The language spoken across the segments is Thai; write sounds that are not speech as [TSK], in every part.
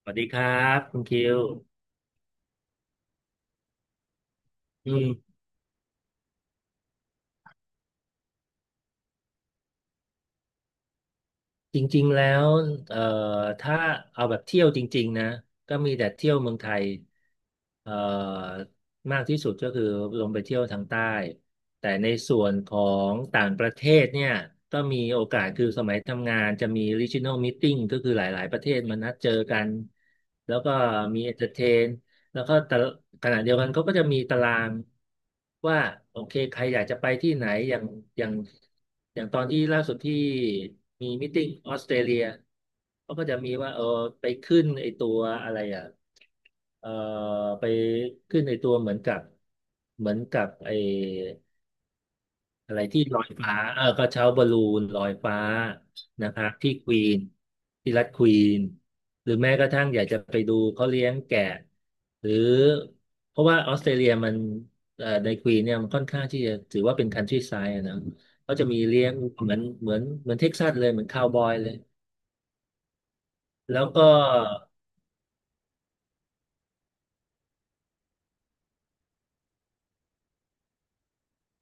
สวัสดีครับคุณคิวอืมจริงๆแล้วเอ่อถ้าเอาแบบเที่ยวจริงๆนะก็มีแต่เที่ยวเมืองไทยเอ่อมากที่สุดก็คือลงไปเที่ยวทางใต้แต่ในส่วนของต่างประเทศเนี่ยก็มีโอกาสคือสมัยทำงานจะมี regional meeting ก็คือหลายๆประเทศมานัดเจอกันแล้วก็มี entertain แล้วก็แต่ขณะเดียวกันเขาก็จะมีตารางว่าโอเคใครอยากจะไปที่ไหนอย่างอย่างตอนที่ล่าสุดที่มีมิทติ้งออสเตรเลียเขาก็จะมีว่าเออไปขึ้นไอตัวอะไรอ่ะเอ่อไปขึ้นไอตัวเหมือนกับไอ อะไรที่ลอยฟ้าเออกระเช้าบอลลูนลอยฟ้านะครับที่ควีนที่รัฐควีนหรือแม้กระทั่งอยากจะไปดูเขาเลี้ยงแกะ หรือ เพราะว่าออสเตรเลียมันในควีนเนี่ยมันค่อนข้างที่จะถือว่าเป็นคันทรีไซด์นะเขาจะมีเลี้ยงเหมือนเหมือนเท็กซัสเลยเหมือนคาวบอยเลย แล้วก็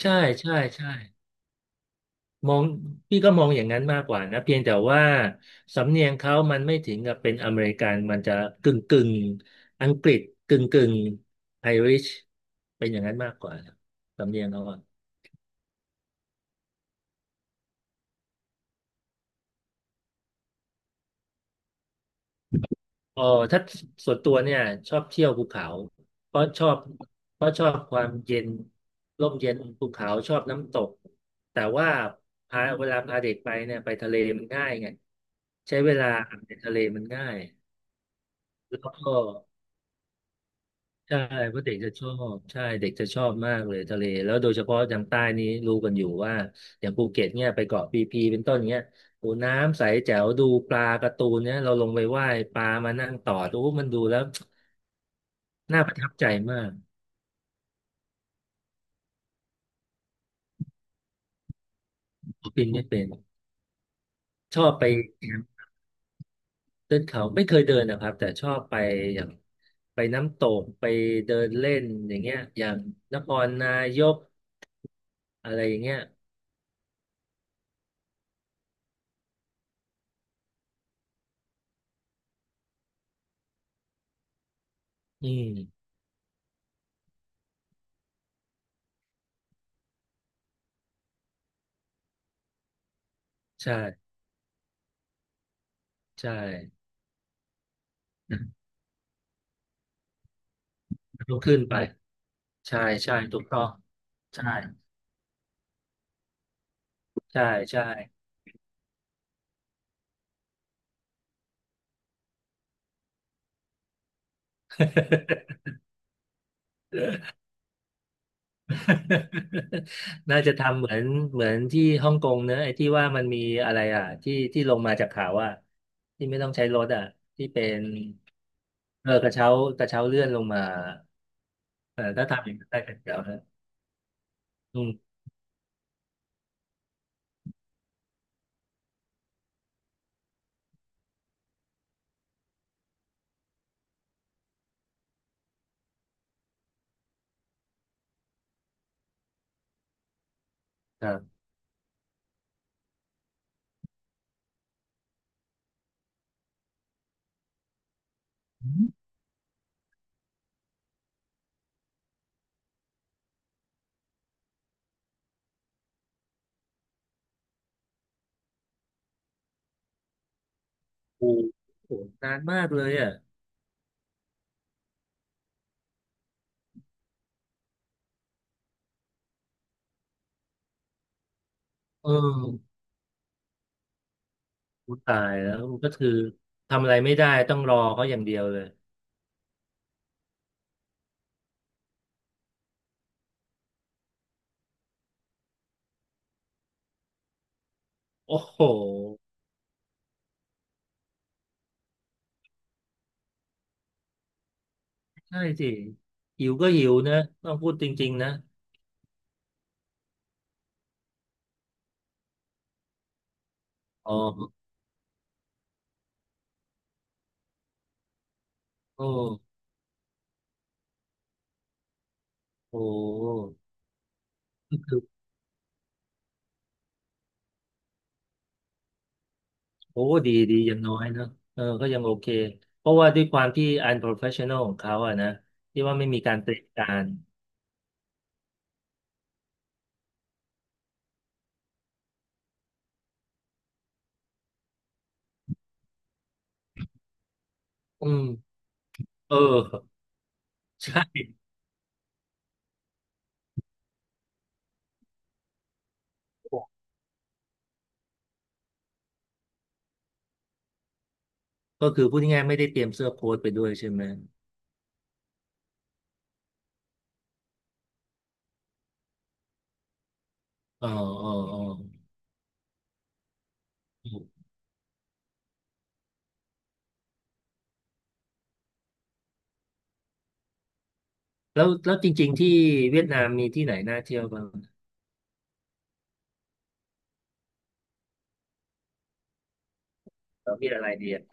ใช่ ใช่ ใช่ มองพี่ก็มองอย่างนั้นมากกว่านะเพียงแต่ว่าสำเนียงเขามันไม่ถึงกับเป็นอเมริกันมันจะกึ่งกึ่งอังกฤษกึ่งกึ่งไอริชเป็นอย่างนั้นมากกว่านะสำเนียงเขาอะอ๋อถ้าส่วนตัวเนี่ยชอบเที่ยวภูเขาเพราะชอบเพราะชอบความเย็นร่มเย็นภูเขาชอบน้ำตกแต่ว่าพาเวลาพาเด็กไปเนี่ยไปทะเลมันง่ายไงใช้เวลาในทะเลมันง่ายแล้วก็ ใช่เพราะเด็กจะชอบใช่เด็กจะชอบมากเลยทะเลแล้วโดยเฉพาะทางใต้นี้รู้กันอยู่ว่าอย่างภูเก็ตเนี่ยไปเกาะพีพีเป็นต้นเนี้ยโอ้น้ำใสแจ๋วดูปลาการ์ตูนเนี่ยเราลงไปว่ายปลามานั่งตอดโอ้มันดูแล้ว [TSK] น่าประทับใจมากปินไม่เป็นชอบไปแคมป์เดินเขาไม่เคยเดินนะครับแต่ชอบไปอย่างไปน้ำตกไปเดินเล่นอย่างเงี้ยอย่างนครนายกอะไรอย่างเงี้ยอืมใช่ใช่ [LAUGHS] ต้องขึ้นไป ใช่ใช่ถูกต้องใช่ใช่ใช่ [LAUGHS] น่าจะทำเหมือนเหมือนที่ฮ่องกงเนอะไอ้ที่ว่ามันมีอะไรอ่ะที่ที่ลงมาจากเขาอ่ะที่ไม่ต้องใช้รถอ่ะที่เป็นเออกระเช้ากระเช้าเลื่อนลงมาเออถ้าทำอย่างนั้นได้ก็นเดียวนะอืมครับอืมโอ้โหนานมากเลยอ่ะเออกูตายแล้วก็คือทำอะไรไม่ได้ต้องรอเขาอย่างเดียวเลยโอ้โห ใช่สิหิวก็หิวนะต้องพูดจริงๆนะอ๋อโอ้โหก็คือโอ้ดีดีอย่างน้อยนะเออก็ยังโอเคเพราะว่าด้วยความที่ unprofessional ของเขาอะนะที่ว่าไม่มีการเตรียมการอืมเออ [LAUGHS] ใช่ก็คือพูดง่ายๆไม่ได้เตรียมเสื้อโค้ทไปด้วยใช่ไหมอ๋ออ๋ออ๋อแล้วแล้วจริงๆที่เวียดนามมีที่ไหนน่าเที่ยวบ้างเรามีอะไรดีอะ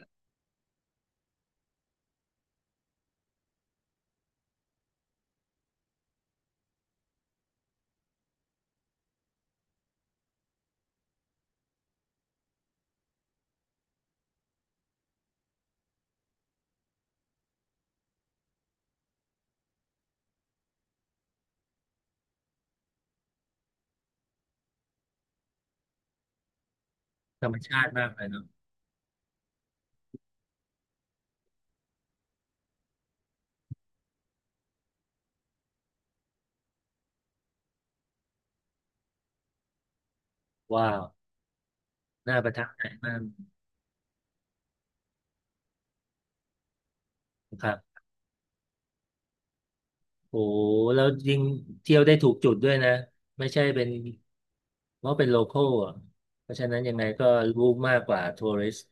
ธรรมชาติมากเลยเนาะว้าวน่าประทับใจมากครับ โอ้โหแล้วยิ่งเที่ยวได้ถูกจุดด้วยนะไม่ใช่เป็นเพราะเป็นโลคอลอ่ะเพราะฉะนั้นยังไงก็รู้มากกว่าทัวริสต์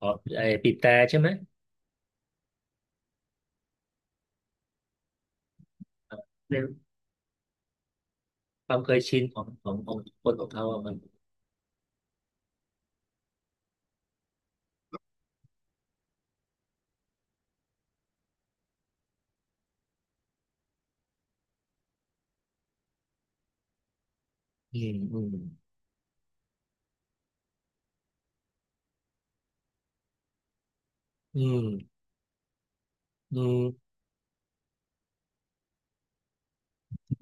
อ๋อไอ้ปีบแต่ใช่ไหมเรื่องความเคยชินของคนของเขาอะมันอืมอืมอืมอืม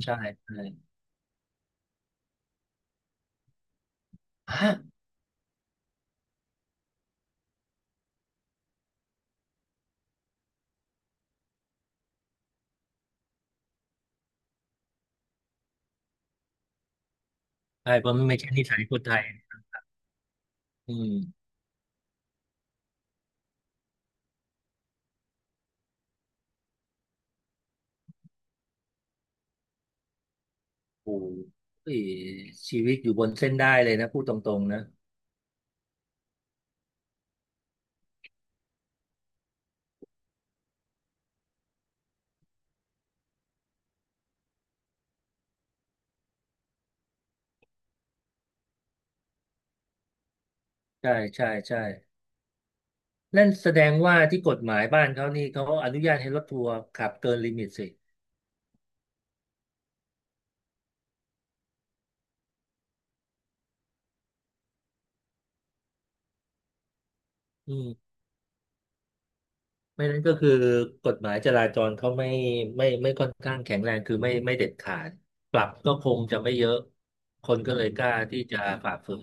ใช่ใช่ฮะใช่เพราะมันไม่ใช่นิสัยคนไทยอืมโอ้โหชีวิตอยู่บนเส้นได้เลยนะพูดตรงๆนะใช่ใช่ใช่ นั่นแสดงว่าที่กฎหมายบ้านเขานี่เขาอนุญาตให้รถทัวร์ขับเกินลิมิตสิอืมไม่นั้นก็คือกฎหมายจราจรเขาไม่ไม่ไม่ค่อนข้างแข็งแรงคือไม่ไม่เด็ดขาดปรับก็คงจะไม่เยอะคนก็เลยกล้าที่จะฝ่าฝืน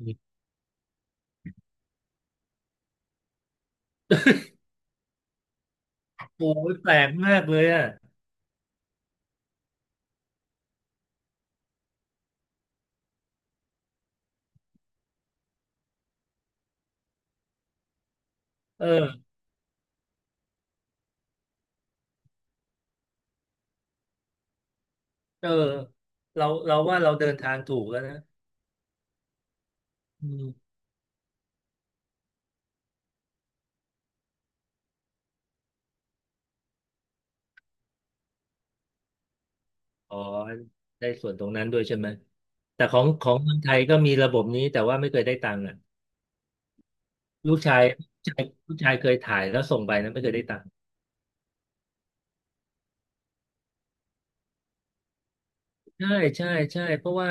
อืมโอ้ยแปลกมากเลยอ่ะเออเออเราว่าเราเดินทางถูกแล้วนะอืมอ๋อได้ส่วนตรงนั้นด้วยใช่ไหมแต่ของของเมืองไทยก็มีระบบนี้แต่ว่าไม่เคยได้ตังค์อ่ะ ลูกชายลูกชายเคยถ่ายแล้วส่งไปนะไม่เคยได้ตังค์ใช่ใช่ใช่เพราะว่า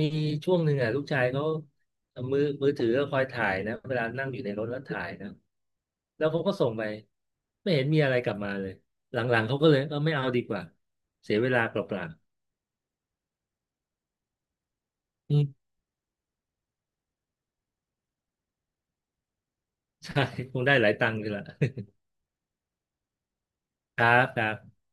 มีช่วงหนึ่งอ่ะลูกชายเขาเอามือมือถือก็คอยถ่ายนะเวลานั่งอยู่ในรถแล้วถ่ายนะแล้วเขาก็ส่งไปไม่เห็นมีอะไรกลับมาเลยหลังๆเขาก็เลยเออไม่เอาดีกว่าเสียเวลาเปล่าๆอืมใช่คงได้หลายตังค์เลยล่ะ [LAUGHS] ครับครับ